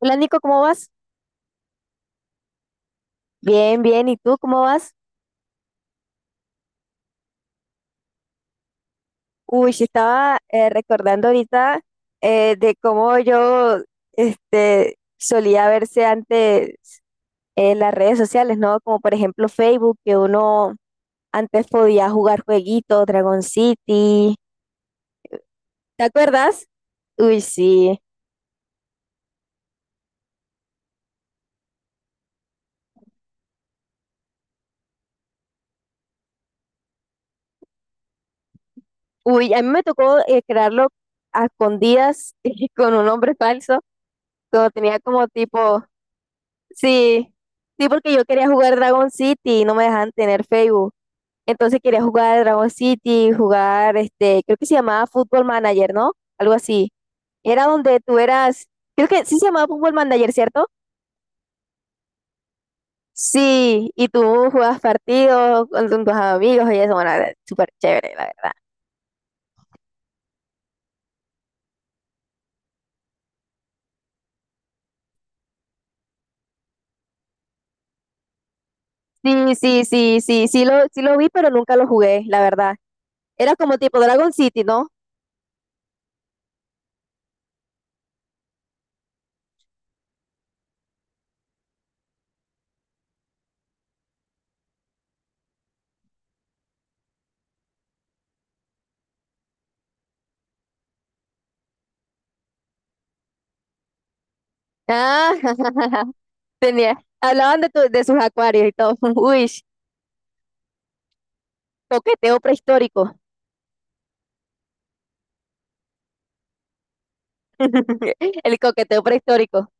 Hola, Nico, ¿cómo vas? Bien, bien. ¿Y tú cómo vas? Uy, sí, estaba recordando ahorita de cómo yo solía verse antes en las redes sociales, ¿no? Como por ejemplo Facebook, que uno antes podía jugar jueguitos, Dragon City. ¿Te acuerdas? Uy, sí. Uy, a mí me tocó crearlo a escondidas con un nombre falso, cuando tenía como tipo. Sí, sí, porque yo quería jugar Dragon City y no me dejaban tener Facebook. Entonces quería jugar Dragon City, jugar, creo que se llamaba Football Manager, ¿no? Algo así. Era donde tú eras, creo que sí se llamaba Football Manager, ¿cierto? Sí, y tú jugabas partidos con tus amigos y eso, bueno, era súper chévere, la verdad. Sí, sí, sí, sí, sí lo vi, pero nunca lo jugué, la verdad. Era como tipo Dragon City, ¿no? Ah, tenía, hablaban de, de sus acuarios y todo. Uy, coqueteo prehistórico. El coqueteo prehistórico.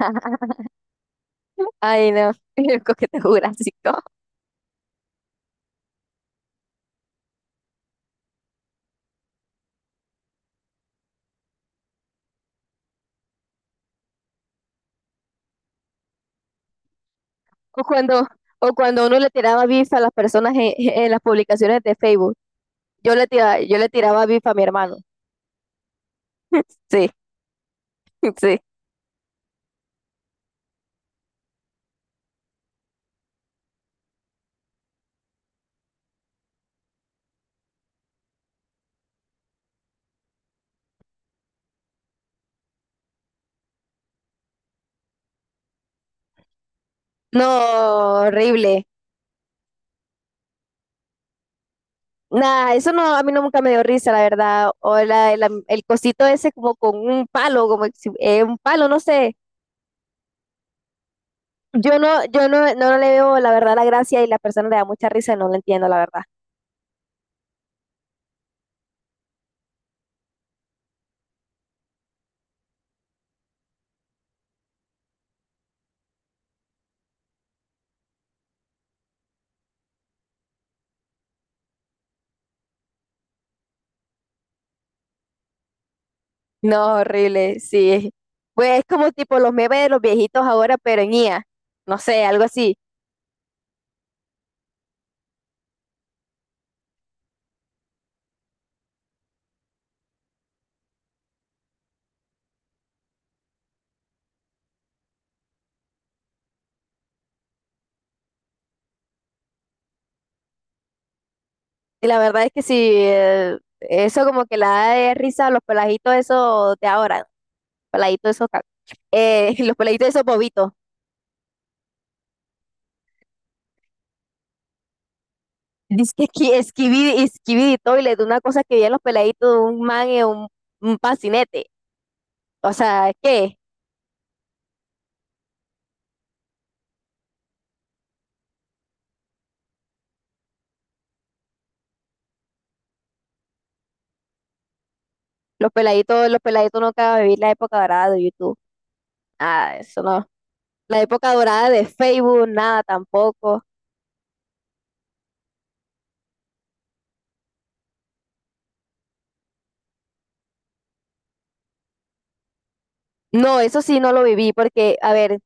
Ay, no. El coqueteo jurásico. O cuando, o cuando uno le tiraba bif a las personas en, en las publicaciones de Facebook. Yo le tiraba bif a mi hermano. Sí, sí. No, horrible. Nada, eso no, a mí no nunca me dio risa, la verdad. O la, el cosito ese como con un palo, como un palo, no sé. Yo no, no le veo la verdad la gracia y la persona le da mucha risa y no lo entiendo, la verdad. No, horrible, sí. Pues es como tipo los memes de los viejitos ahora, pero en IA. No sé, algo así. Y la verdad es que sí, eso como que la da de risa a los peladitos esos de ahora. Peladitos esos, ca- los peladitos esos bobitos. Dice que esquividi, esquividi toilet, una cosa que vi en los peladitos, un man y un patinete. O sea, ¿qué? Los peladitos nunca van a vivir la época dorada de YouTube. Ah, eso no. La época dorada de Facebook, nada tampoco. No, eso sí no lo viví, porque, a ver,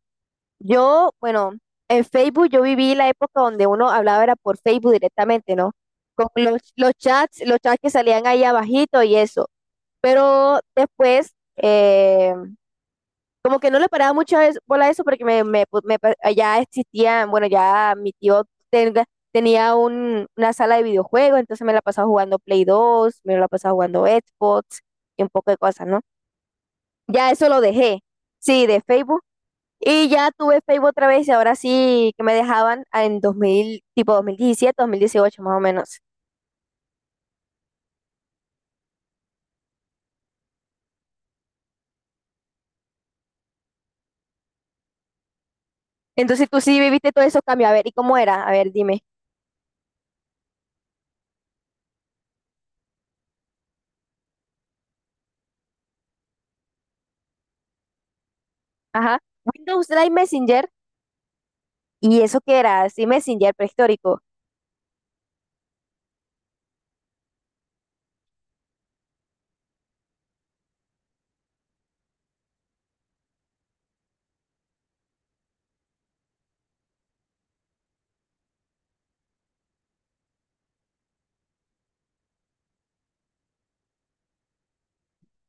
yo, bueno, en Facebook yo viví la época donde uno hablaba era por Facebook directamente, ¿no? Con los chats que salían ahí abajito y eso. Pero después, como que no le paraba mucho a bola a eso, porque me, ya existía, bueno, ya mi tío tenga- tenía un, una sala de videojuegos, entonces me la pasaba jugando Play 2, me la pasaba jugando Xbox y un poco de cosas, ¿no? Ya eso lo dejé. Sí, de Facebook. Y ya tuve Facebook otra vez y ahora sí que me dejaban en 2000 tipo dos mil diecisiete, dos mil dieciocho más o menos. Entonces tú sí viviste todos esos cambios. A ver, ¿y cómo era? A ver, dime. Ajá. Windows Live Messenger. ¿Y eso qué era? Sí, Messenger prehistórico.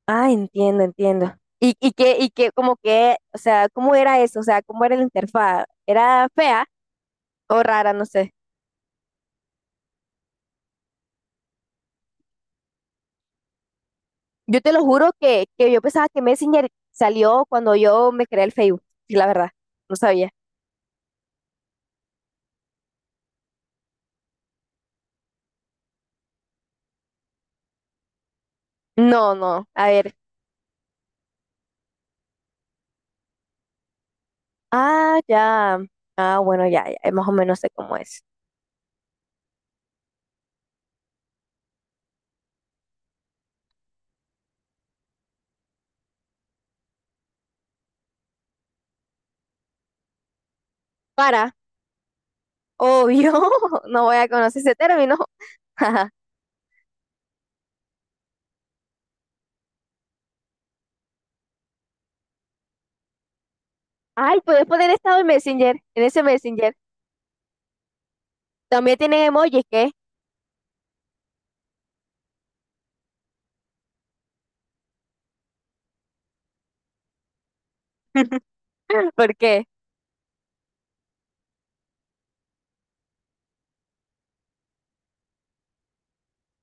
Ah, entiendo, entiendo. Y qué, como que, o sea, cómo era eso? O sea, ¿cómo era la interfaz? ¿Era fea o rara? No sé. Yo te lo juro que yo pensaba que Messenger salió cuando yo me creé el Facebook. Y la verdad, no sabía. No, no. A ver. Ah, ya. Ah, bueno, ya, ya, más o menos sé cómo es. Para, obvio, no voy a conocer ese término. Ay, puedes poner estado en Messenger, en ese Messenger. También tienen emojis, ¿qué? ¿Por qué?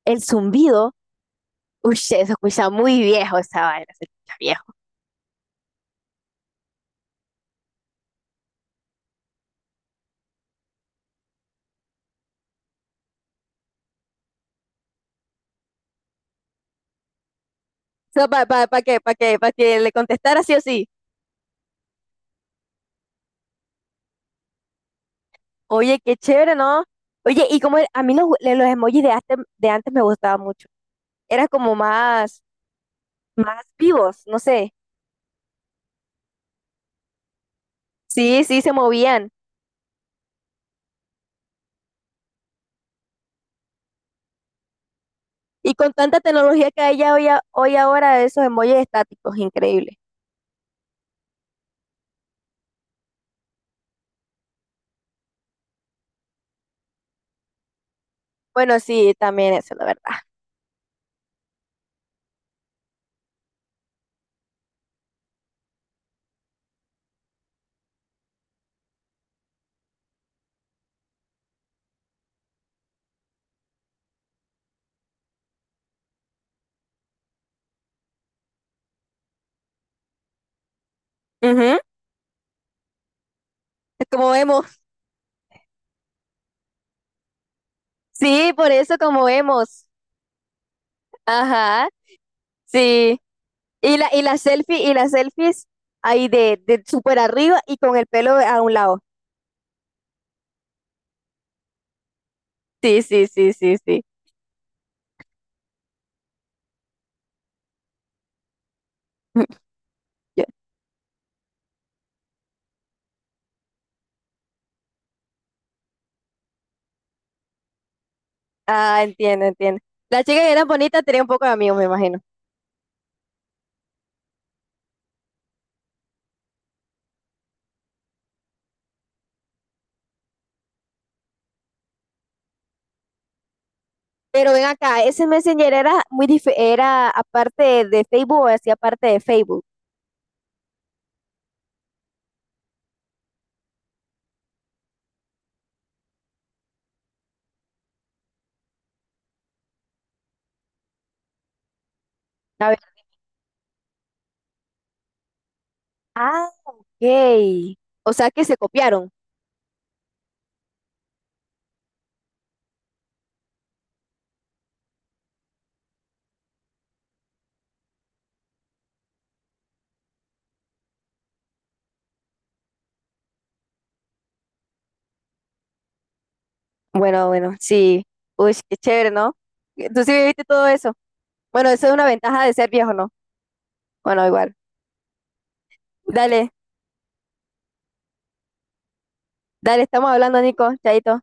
El zumbido, uy, se escucha muy viejo esa vaina, se escucha viejo. ¿Para pa qué? ¿Para qué? ¿Para que le contestara sí o sí? Oye, qué chévere, ¿no? Oye, y como a mí los emojis de antes me gustaban mucho. Eran como más, más vivos, no sé. Sí, sí, se movían. Y con tanta tecnología que hay ya hoy, hoy ahora, esos emojis estáticos, increíble. Bueno, sí, también eso, la verdad. Ujú. Es como vemos. Sí, por eso como vemos. Ajá, sí. Y la selfie, y las selfies ahí de súper arriba y con el pelo a un lado. Sí, sí, sí, sí, sí. Ya. Ah, entiendo, entiendo. Las chicas que eran bonitas tenían un poco de amigos, me imagino. Pero ven acá, ese Messenger era muy era aparte de Facebook o hacía parte de Facebook. A ver, ah, ok. O sea que se copiaron. Bueno, bueno, sí. Uy, qué chévere, ¿no? Tú sí viviste todo eso. Bueno, eso es una ventaja de ser viejo, ¿no? Bueno, igual. Dale, dale, estamos hablando, Nico. Chaito.